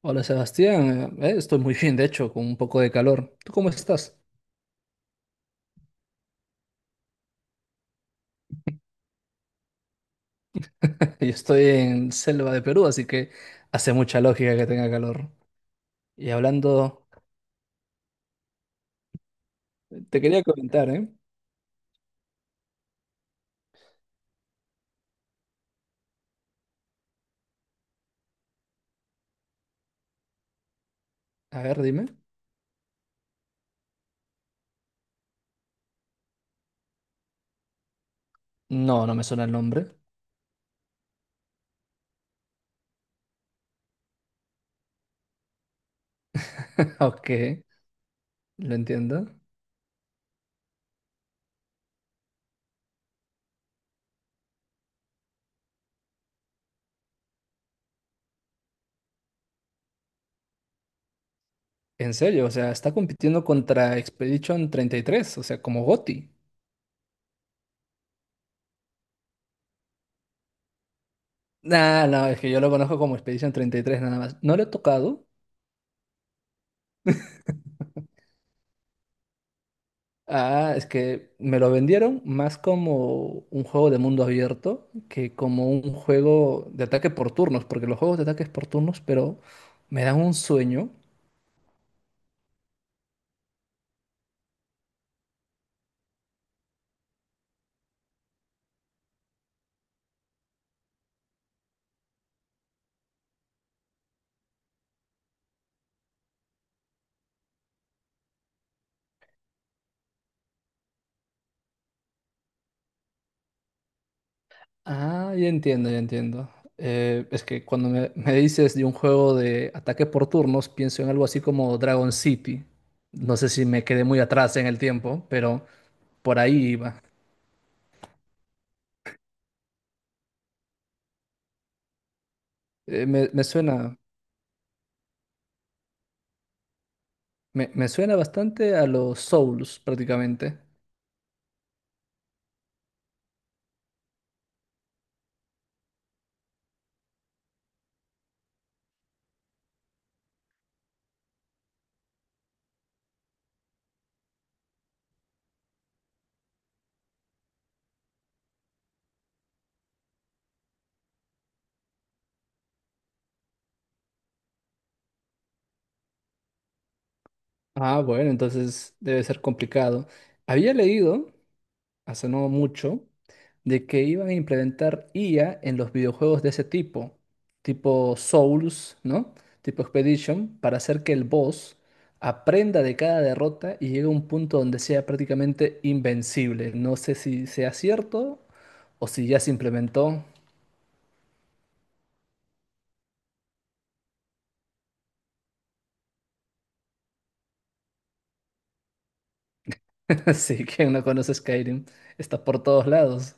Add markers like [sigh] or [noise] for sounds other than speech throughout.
Hola Sebastián, estoy muy bien, de hecho, con un poco de calor. ¿Tú cómo estás? [laughs] Yo estoy en selva de Perú, así que hace mucha lógica que tenga calor. Y hablando, te quería comentar, ¿eh? A ver, dime. No, no me suena el nombre. [laughs] Ok, lo entiendo. En serio, o sea, está compitiendo contra Expedition 33, o sea, como GOTY. Nah, no, es que yo lo conozco como Expedition 33 nada más. No lo he tocado. Ah, es que me lo vendieron más como un juego de mundo abierto que como un juego de ataque por turnos, porque los juegos de ataques por turnos, pero me dan un sueño. Ah, ya entiendo, ya entiendo. Es que cuando me dices de un juego de ataque por turnos, pienso en algo así como Dragon City. No sé si me quedé muy atrás en el tiempo, pero por ahí iba. Me suena, me suena bastante a los Souls prácticamente. Ah, bueno, entonces debe ser complicado. Había leído, hace no mucho, de que iban a implementar IA en los videojuegos de ese tipo, tipo Souls, ¿no? Tipo Expedition, para hacer que el boss aprenda de cada derrota y llegue a un punto donde sea prácticamente invencible. No sé si sea cierto o si ya se implementó. [laughs] Así que no conoce Skyrim, está por todos lados.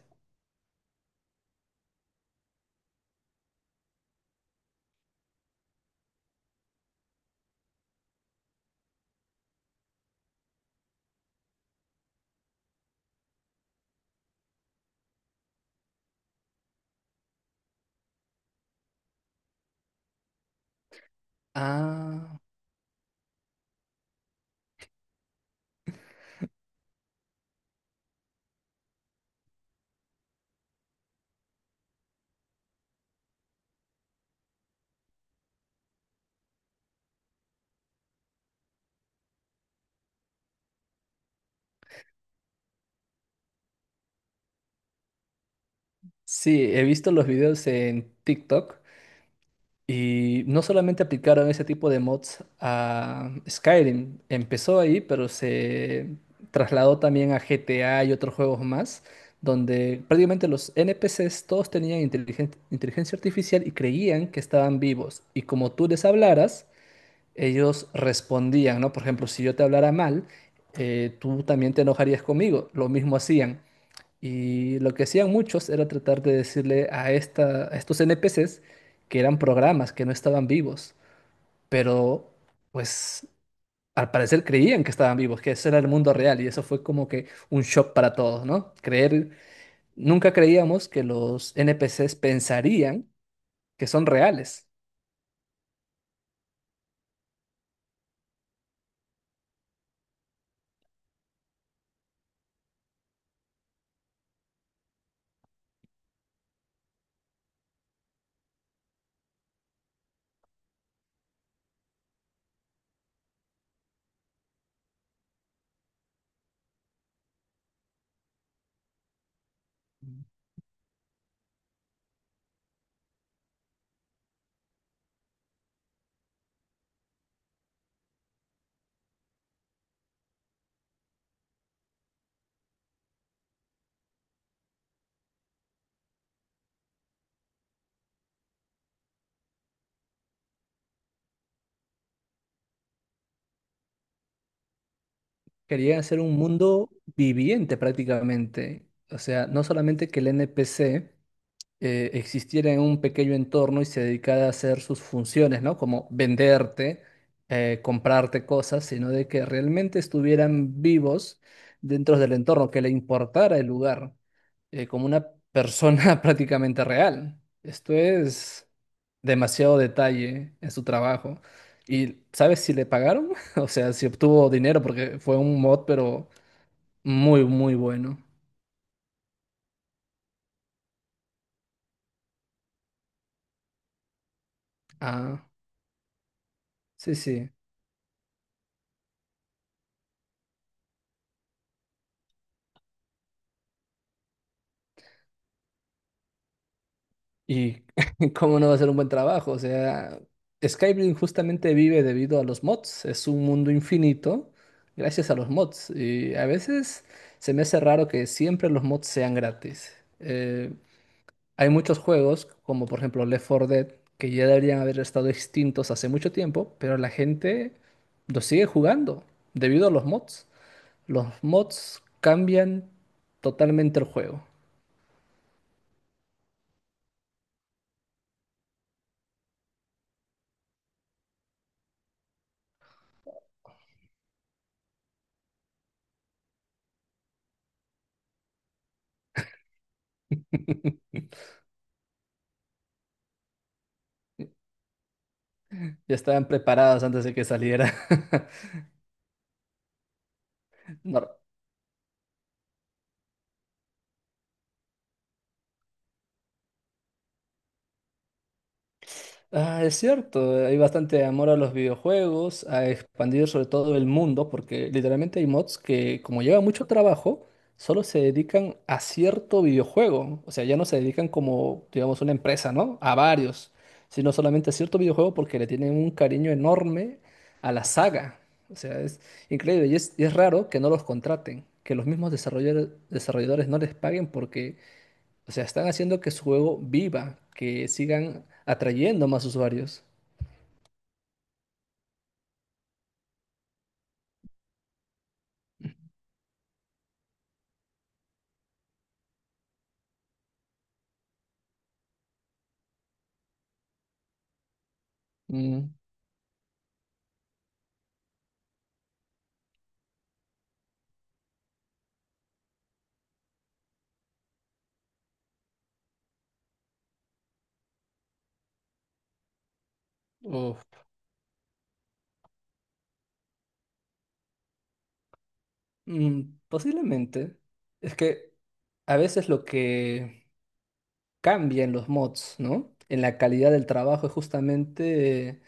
Ah, sí, he visto los videos en TikTok. Y no solamente aplicaron ese tipo de mods a Skyrim, empezó ahí, pero se trasladó también a GTA y otros juegos más, donde prácticamente los NPCs todos tenían inteligencia artificial y creían que estaban vivos. Y como tú les hablaras, ellos respondían, ¿no? Por ejemplo, si yo te hablara mal, tú también te enojarías conmigo. Lo mismo hacían. Y lo que hacían muchos era tratar de decirle a estos NPCs que eran programas, que no estaban vivos, pero pues al parecer creían que estaban vivos, que ese era el mundo real y eso fue como que un shock para todos, ¿no? Creer, nunca creíamos que los NPCs pensarían que son reales, querían hacer un mundo viviente prácticamente. O sea, no solamente que el NPC existiera en un pequeño entorno y se dedicara a hacer sus funciones, ¿no? Como venderte, comprarte cosas, sino de que realmente estuvieran vivos dentro del entorno, que le importara el lugar, como una persona [laughs] prácticamente real. Esto es demasiado detalle en su trabajo. ¿Y sabes si le pagaron? [laughs] O sea, si obtuvo dinero, porque fue un mod, pero muy, muy bueno. Ah, sí, sí. Y [laughs] cómo no va a ser un buen trabajo. O sea, Skyrim justamente vive debido a los mods. Es un mundo infinito gracias a los mods. Y a veces se me hace raro que siempre los mods sean gratis. Eh, hay muchos juegos, como por ejemplo Left 4 Dead, que ya deberían haber estado extintos hace mucho tiempo, pero la gente los sigue jugando debido a los mods. Los mods cambian totalmente el juego. [laughs] Ya estaban preparados antes de que saliera. [laughs] No. Ah, es cierto, hay bastante amor a los videojuegos, a expandir sobre todo el mundo, porque literalmente hay mods que, como lleva mucho trabajo, solo se dedican a cierto videojuego. O sea, ya no se dedican como, digamos, una empresa, ¿no? A varios, sino solamente a cierto videojuego porque le tienen un cariño enorme a la saga. O sea, es increíble y es raro que no los contraten, que los mismos desarrolladores no les paguen, porque o sea, están haciendo que su juego viva, que sigan atrayendo más usuarios. Mm, uf. Mm, posiblemente. Es que a veces lo que cambia en los mods, ¿no? En la calidad del trabajo es justamente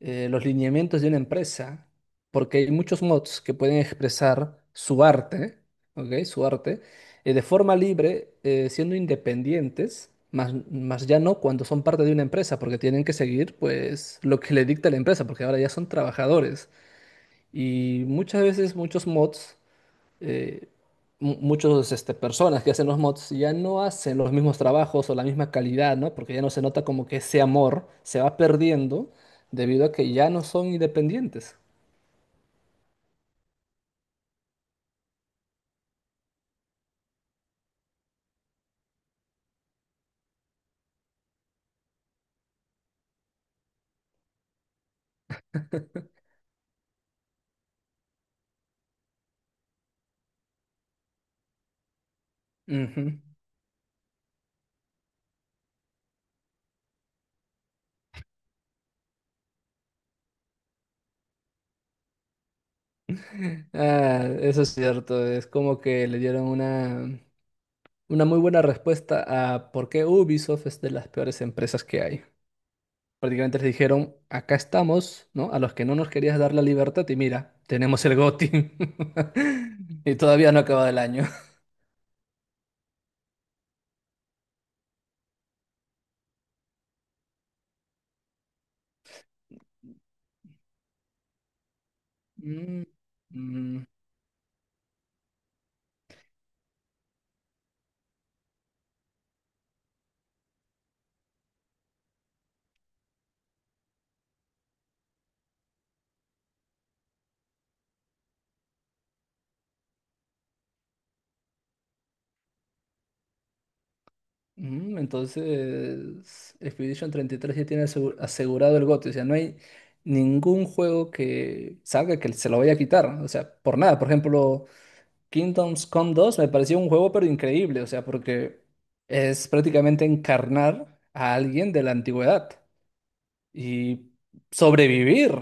los lineamientos de una empresa, porque hay muchos mods que pueden expresar su arte, ¿ok? Su arte de forma libre, siendo independientes, más ya no cuando son parte de una empresa, porque tienen que seguir pues lo que le dicta la empresa, porque ahora ya son trabajadores. Y muchas veces muchos mods eh, personas que hacen los mods ya no hacen los mismos trabajos o la misma calidad, ¿no? Porque ya no se nota, como que ese amor se va perdiendo debido a que ya no son independientes. Ujú. Ah, eso es cierto, es como que le dieron una muy buena respuesta a por qué Ubisoft es de las peores empresas que hay. Prácticamente les dijeron, acá estamos, ¿no? A los que no nos querías dar la libertad, y mira, tenemos el GOTY. [laughs] Y todavía no acaba el año. Mm, mm, mm, entonces, Expedition 33 ya tiene asegurado el GOTY. O sea, no hay ningún juego que salga que se lo vaya a quitar. O sea, por nada. Por ejemplo, Kingdoms Come 2 me pareció un juego pero increíble. O sea, porque es prácticamente encarnar a alguien de la antigüedad. Y sobrevivir.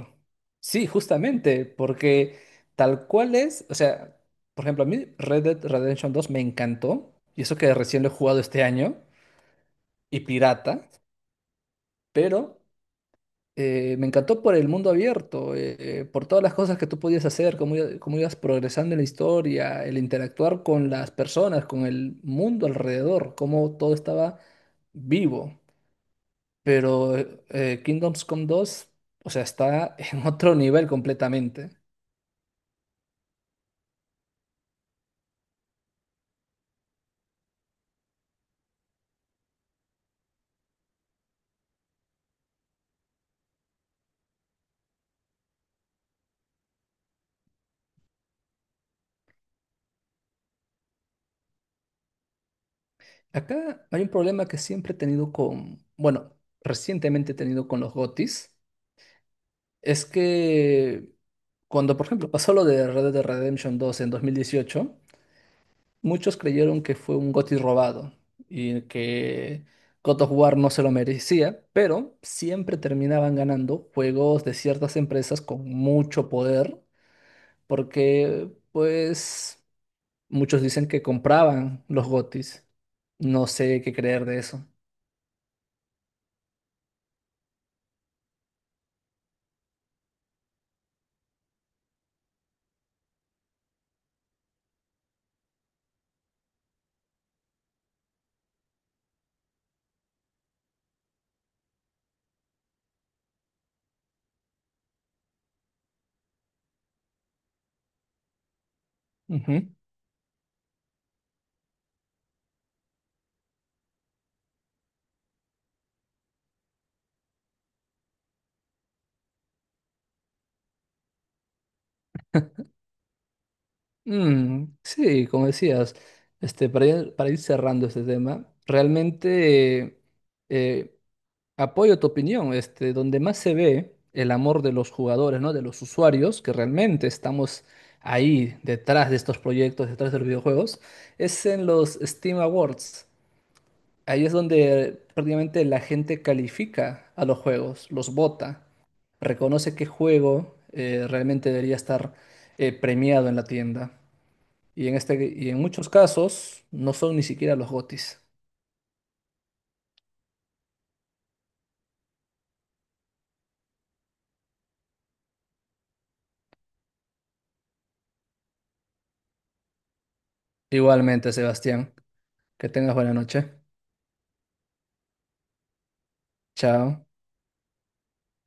Sí, justamente, porque tal cual es, o sea, por ejemplo, a mí Red Dead Redemption 2 me encantó, y eso que recién lo he jugado este año, y pirata, pero me encantó por el mundo abierto, por todas las cosas que tú podías hacer, cómo ibas progresando en la historia, el interactuar con las personas, con el mundo alrededor, cómo todo estaba vivo. Pero Kingdoms Come 2, o sea, está [laughs] en otro nivel completamente. Acá hay un problema que siempre he tenido con, bueno, recientemente he tenido con los GOTYs, es que cuando, por ejemplo, pasó lo de Red Dead Redemption 2 en 2018, muchos creyeron que fue un GOTY robado y que God of War no se lo merecía, pero siempre terminaban ganando juegos de ciertas empresas con mucho poder, porque, pues... Muchos dicen que compraban los gotis. No sé qué creer de eso. Ujú. Mm, sí, como decías, para ir cerrando este tema, realmente eh, apoyo tu opinión. Donde más se ve el amor de los jugadores, ¿no? De los usuarios, que realmente estamos ahí detrás de estos proyectos, detrás de los videojuegos, es en los Steam Awards. Ahí es donde prácticamente la gente califica a los juegos, los vota. Reconoce qué juego realmente debería estar premiado en la tienda. Y en muchos casos no son ni siquiera los GOTYs. Igualmente, Sebastián, que tengas buena noche. Chao.